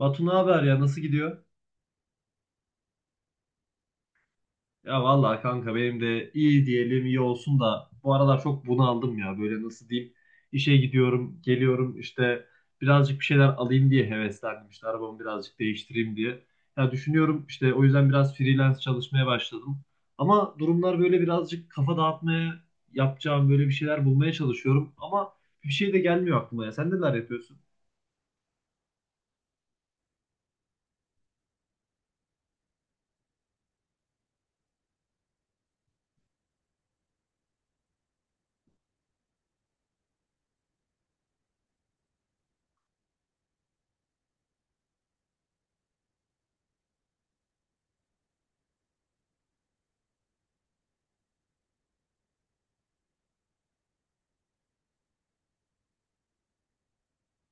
Batu, ne haber ya, nasıl gidiyor? Ya vallahi kanka benim de iyi, diyelim iyi olsun da bu aralar çok bunaldım ya, böyle nasıl diyeyim, işe gidiyorum geliyorum işte, birazcık bir şeyler alayım diye heveslendim, işte arabamı birazcık değiştireyim diye. Ya düşünüyorum, işte o yüzden biraz freelance çalışmaya başladım ama durumlar böyle, birazcık kafa dağıtmaya yapacağım böyle bir şeyler bulmaya çalışıyorum ama bir şey de gelmiyor aklıma. Ya sen neler yapıyorsun?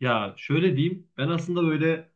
Ya şöyle diyeyim, ben aslında böyle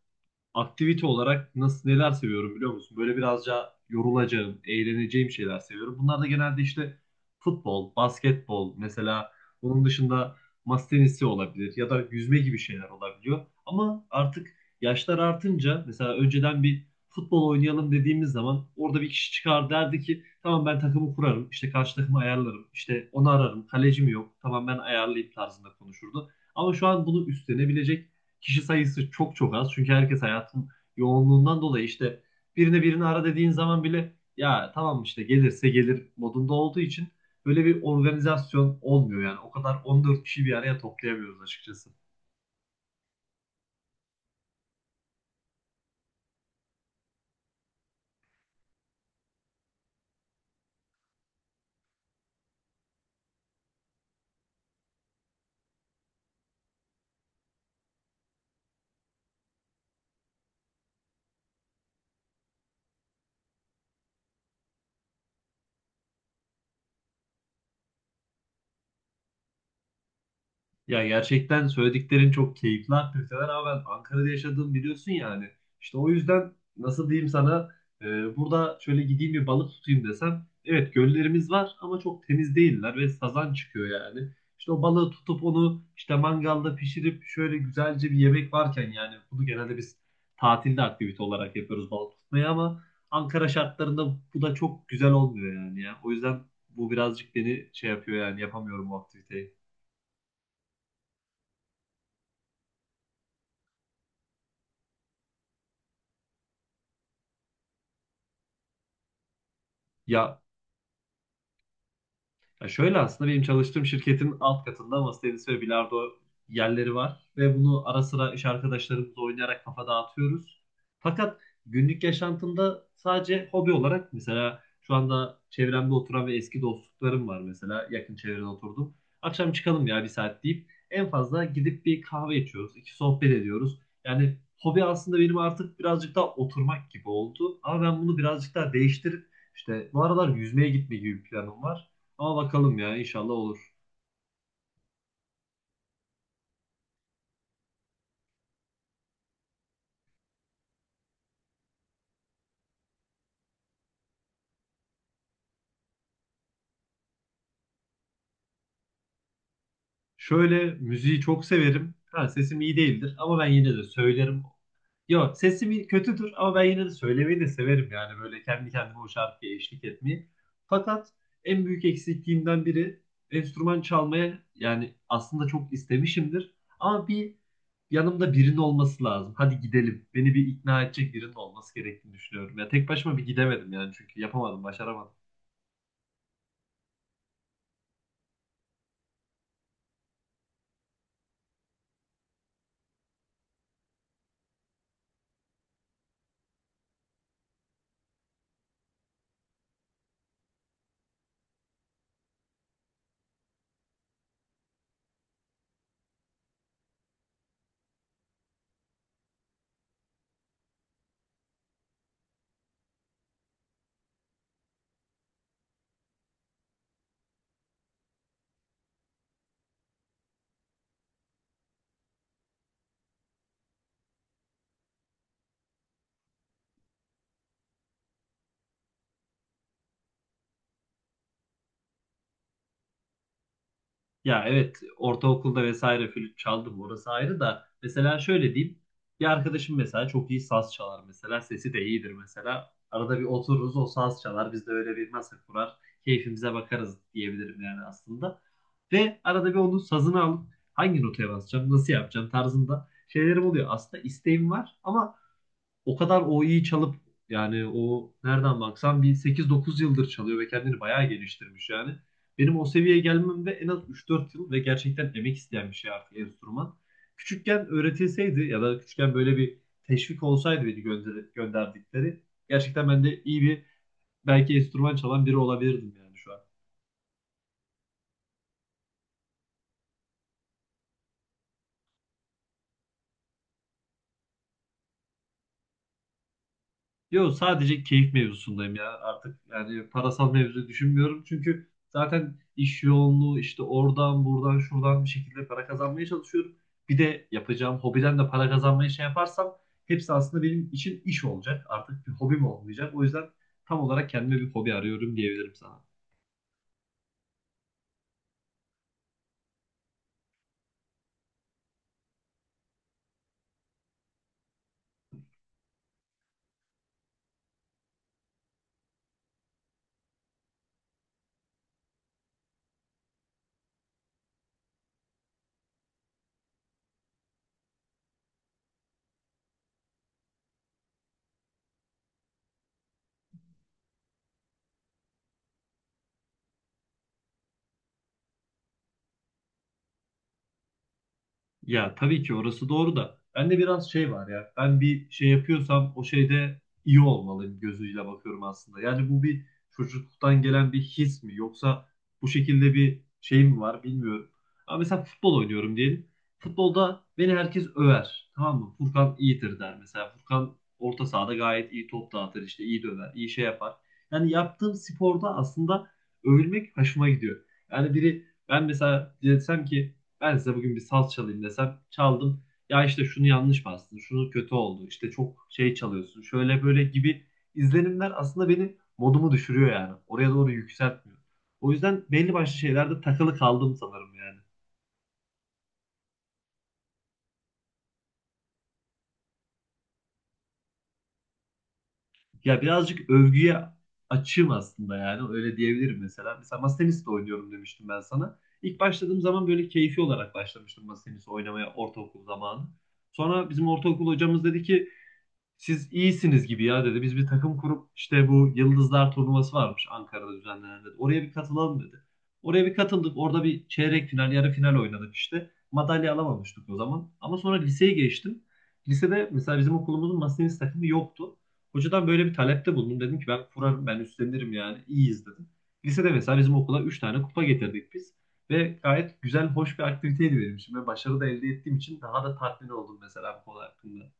aktivite olarak nasıl, neler seviyorum biliyor musun? Böyle birazca yorulacağım, eğleneceğim şeyler seviyorum. Bunlar da genelde işte futbol, basketbol mesela. Onun dışında masa tenisi olabilir ya da yüzme gibi şeyler olabiliyor. Ama artık yaşlar artınca, mesela önceden bir futbol oynayalım dediğimiz zaman orada bir kişi çıkar, derdi ki tamam ben takımı kurarım, işte karşı takımı ayarlarım, işte onu ararım, kaleci mi yok, tamam ben ayarlayayım tarzında konuşurdu. Ama şu an bunu üstlenebilecek kişi sayısı çok çok az. Çünkü herkes hayatın yoğunluğundan dolayı işte birine birini ara dediğin zaman bile ya tamam işte, gelirse gelir modunda olduğu için böyle bir organizasyon olmuyor yani. O kadar 14 kişi bir araya toplayamıyoruz açıkçası. Ya gerçekten söylediklerin çok keyifli aktiviteler ama ben Ankara'da yaşadığım biliyorsun yani. İşte o yüzden nasıl diyeyim sana, burada şöyle gideyim bir balık tutayım desem, evet göllerimiz var ama çok temiz değiller ve sazan çıkıyor yani. İşte o balığı tutup onu işte mangalda pişirip şöyle güzelce bir yemek varken, yani bunu genelde biz tatilde aktivite olarak yapıyoruz, balık tutmayı, ama Ankara şartlarında bu da çok güzel olmuyor yani ya. O yüzden bu birazcık beni şey yapıyor yani, yapamıyorum bu aktiviteyi. Ya Ya şöyle, aslında benim çalıştığım şirketin alt katında masa tenisi ve bilardo yerleri var ve bunu ara sıra iş arkadaşlarımızla oynayarak kafa dağıtıyoruz. Fakat günlük yaşantımda sadece hobi olarak, mesela şu anda çevremde oturan ve eski dostluklarım var, mesela yakın çevrede oturdum. Akşam çıkalım ya bir saat deyip en fazla gidip bir kahve içiyoruz, iki sohbet ediyoruz. Yani hobi aslında benim artık birazcık daha oturmak gibi oldu ama ben bunu birazcık daha değiştirip işte bu aralar yüzmeye gitme gibi bir planım var. Ama bakalım ya, inşallah olur. Şöyle, müziği çok severim. Ha, sesim iyi değildir ama ben yine de söylerim. Yok sesim kötüdür ama ben yine de söylemeyi de severim yani, böyle kendi kendime o şarkıya eşlik etmeyi. Fakat en büyük eksikliğimden biri enstrüman çalmaya, yani aslında çok istemişimdir. Ama bir yanımda birinin olması lazım. Hadi gidelim. Beni bir ikna edecek birinin olması gerektiğini düşünüyorum. Ya tek başıma bir gidemedim yani, çünkü yapamadım, başaramadım. Ya evet, ortaokulda vesaire flüt çaldım, orası ayrı, da mesela şöyle diyeyim, bir arkadaşım mesela çok iyi saz çalar, mesela sesi de iyidir, mesela arada bir otururuz, o saz çalar, biz de öyle bir masa kurar keyfimize bakarız diyebilirim yani aslında. Ve arada bir onun sazını alıp hangi notaya basacağım, nasıl yapacağım tarzında şeylerim oluyor, aslında isteğim var ama o kadar o iyi çalıp, yani o nereden baksan bir 8-9 yıldır çalıyor ve kendini bayağı geliştirmiş yani. Benim o seviyeye gelmemde en az 3-4 yıl ve gerçekten emek isteyen bir şey artık enstrüman. Küçükken öğretilseydi ya da küçükken böyle bir teşvik olsaydı, beni gönderdikleri, gerçekten ben de iyi bir, belki enstrüman çalan biri olabilirdim yani şu an. Yo, sadece keyif mevzusundayım ya artık, yani parasal mevzu düşünmüyorum çünkü zaten iş yoğunluğu, işte oradan buradan şuradan bir şekilde para kazanmaya çalışıyorum. Bir de yapacağım hobiden de para kazanmayı şey yaparsam, hepsi aslında benim için iş olacak, artık bir hobim olmayacak. O yüzden tam olarak kendime bir hobi arıyorum diyebilirim sana. Ya tabii ki orası doğru da bende biraz şey var ya, ben bir şey yapıyorsam o şeyde iyi olmalıyım gözüyle bakıyorum aslında. Yani bu bir çocukluktan gelen bir his mi, yoksa bu şekilde bir şey mi var bilmiyorum. Ama mesela futbol oynuyorum diyelim. Futbolda beni herkes över, tamam mı? Furkan iyidir der mesela. Furkan orta sahada gayet iyi top dağıtır, işte iyi döver, iyi şey yapar. Yani yaptığım sporda aslında övülmek hoşuma gidiyor. Yani biri, ben mesela desem ki ben size bugün bir saz çalayım desem, çaldım. Ya işte şunu yanlış bastın, şunu kötü oldu, işte çok şey çalıyorsun, şöyle böyle gibi izlenimler aslında beni, modumu düşürüyor yani. Oraya doğru yükseltmiyor. O yüzden belli başlı şeylerde takılı kaldım sanırım yani. Ya birazcık övgüye açığım aslında, yani öyle diyebilirim mesela. Mesela masa tenisi de oynuyorum demiştim ben sana. İlk başladığım zaman böyle keyfi olarak başlamıştım masa tenisi oynamaya, ortaokul zamanı. Sonra bizim ortaokul hocamız dedi ki siz iyisiniz gibi ya dedi. Biz bir takım kurup, işte bu Yıldızlar Turnuvası varmış Ankara'da düzenlenen dedi. Oraya bir katılalım dedi. Oraya bir katıldık. Orada bir çeyrek final, yarı final oynadık işte. Madalya alamamıştık o zaman. Ama sonra liseye geçtim. Lisede mesela bizim okulumuzun masa tenisi takımı yoktu. Hocadan böyle bir talepte bulundum. Dedim ki ben kurarım, ben üstlenirim yani. İyiyiz dedim. Lisede mesela bizim okula 3 tane kupa getirdik biz. Ve gayet güzel, hoş bir aktiviteydi benim için. Ve başarı da elde ettiğim için daha da tatmin oldum mesela bu konu hakkında.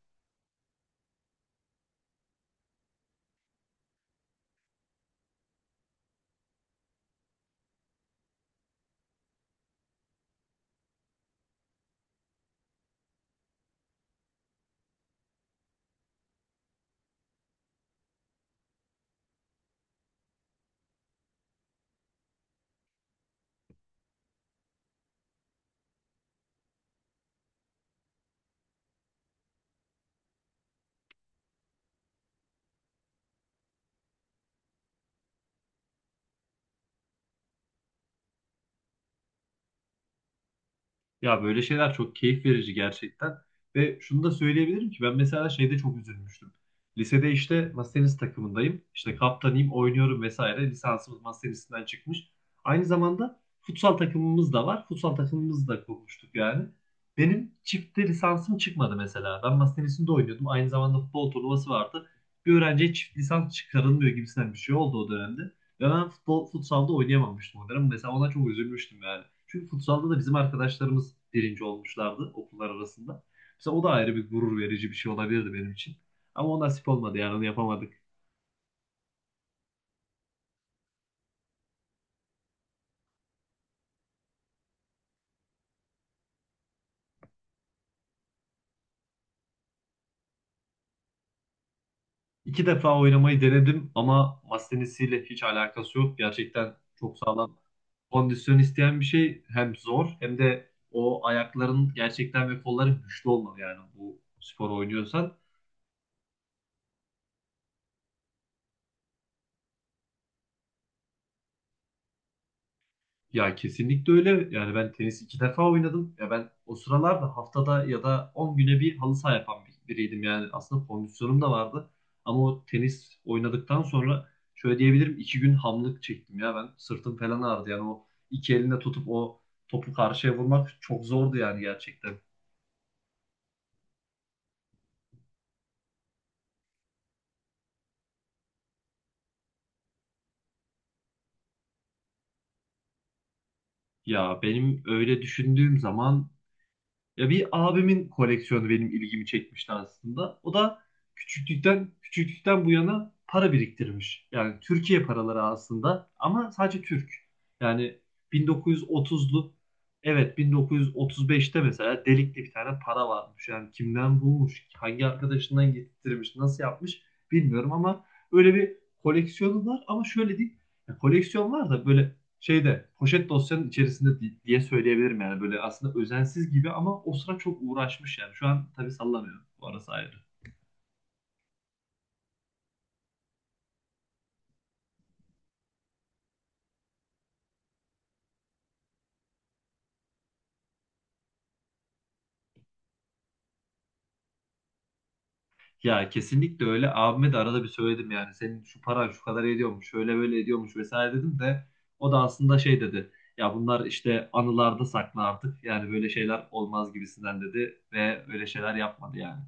Ya böyle şeyler çok keyif verici gerçekten. Ve şunu da söyleyebilirim ki ben mesela şeyde çok üzülmüştüm. Lisede işte masa tenisi takımındayım. İşte kaptanıyım, oynuyorum vesaire. Lisansımız masa tenisinden çıkmış. Aynı zamanda futsal takımımız da var. Futsal takımımızı da kurmuştuk yani. Benim çifte lisansım çıkmadı mesela. Ben masa tenisinde oynuyordum. Aynı zamanda futbol turnuvası vardı. Bir öğrenciye çift lisans çıkarılmıyor gibisinden bir şey oldu o dönemde. Ve ben futbol, futsalda oynayamamıştım o dönem. Mesela ona çok üzülmüştüm yani. Çünkü futsalda da bizim arkadaşlarımız birinci olmuşlardı okullar arasında. Mesela o da ayrı bir gurur verici bir şey olabilirdi benim için. Ama o nasip olmadı yani, onu yapamadık. İki defa oynamayı denedim ama masa tenisiyle hiç alakası yok. Gerçekten çok sağlam kondisyon isteyen bir şey. Hem zor hem de o ayakların gerçekten ve kolların güçlü olmalı yani bu spor oynuyorsan. Ya kesinlikle öyle. Yani ben tenis iki defa oynadım. Ya ben o sıralarda haftada ya da 10 güne bir halı saha yapan biriydim. Yani aslında kondisyonum da vardı. Ama o tenis oynadıktan sonra şöyle diyebilirim, iki gün hamlık çektim ya ben. Sırtım falan ağrıdı. Yani o iki elinde tutup o topu karşıya vurmak çok zordu yani gerçekten. Ya benim öyle düşündüğüm zaman, ya bir abimin koleksiyonu benim ilgimi çekmişti aslında. O da küçüklükten bu yana para biriktirmiş. Yani Türkiye paraları aslında, ama sadece Türk. Yani 1930'lu, evet 1935'te, mesela delikli bir tane para varmış. Yani kimden bulmuş, hangi arkadaşından getirmiş, nasıl yapmış bilmiyorum ama öyle bir koleksiyonu var, ama şöyle değil. Ya koleksiyon var da böyle şeyde, poşet dosyanın içerisinde diye söyleyebilirim yani, böyle aslında özensiz gibi ama o sıra çok uğraşmış yani, şu an tabii sallanıyor bu arası ayrı. Ya kesinlikle öyle, abime de arada bir söyledim yani, senin şu paran şu kadar ediyormuş, şöyle böyle ediyormuş vesaire dedim de o da aslında şey dedi ya, bunlar işte anılarda saklı artık yani, böyle şeyler olmaz gibisinden dedi ve öyle şeyler yapmadı yani.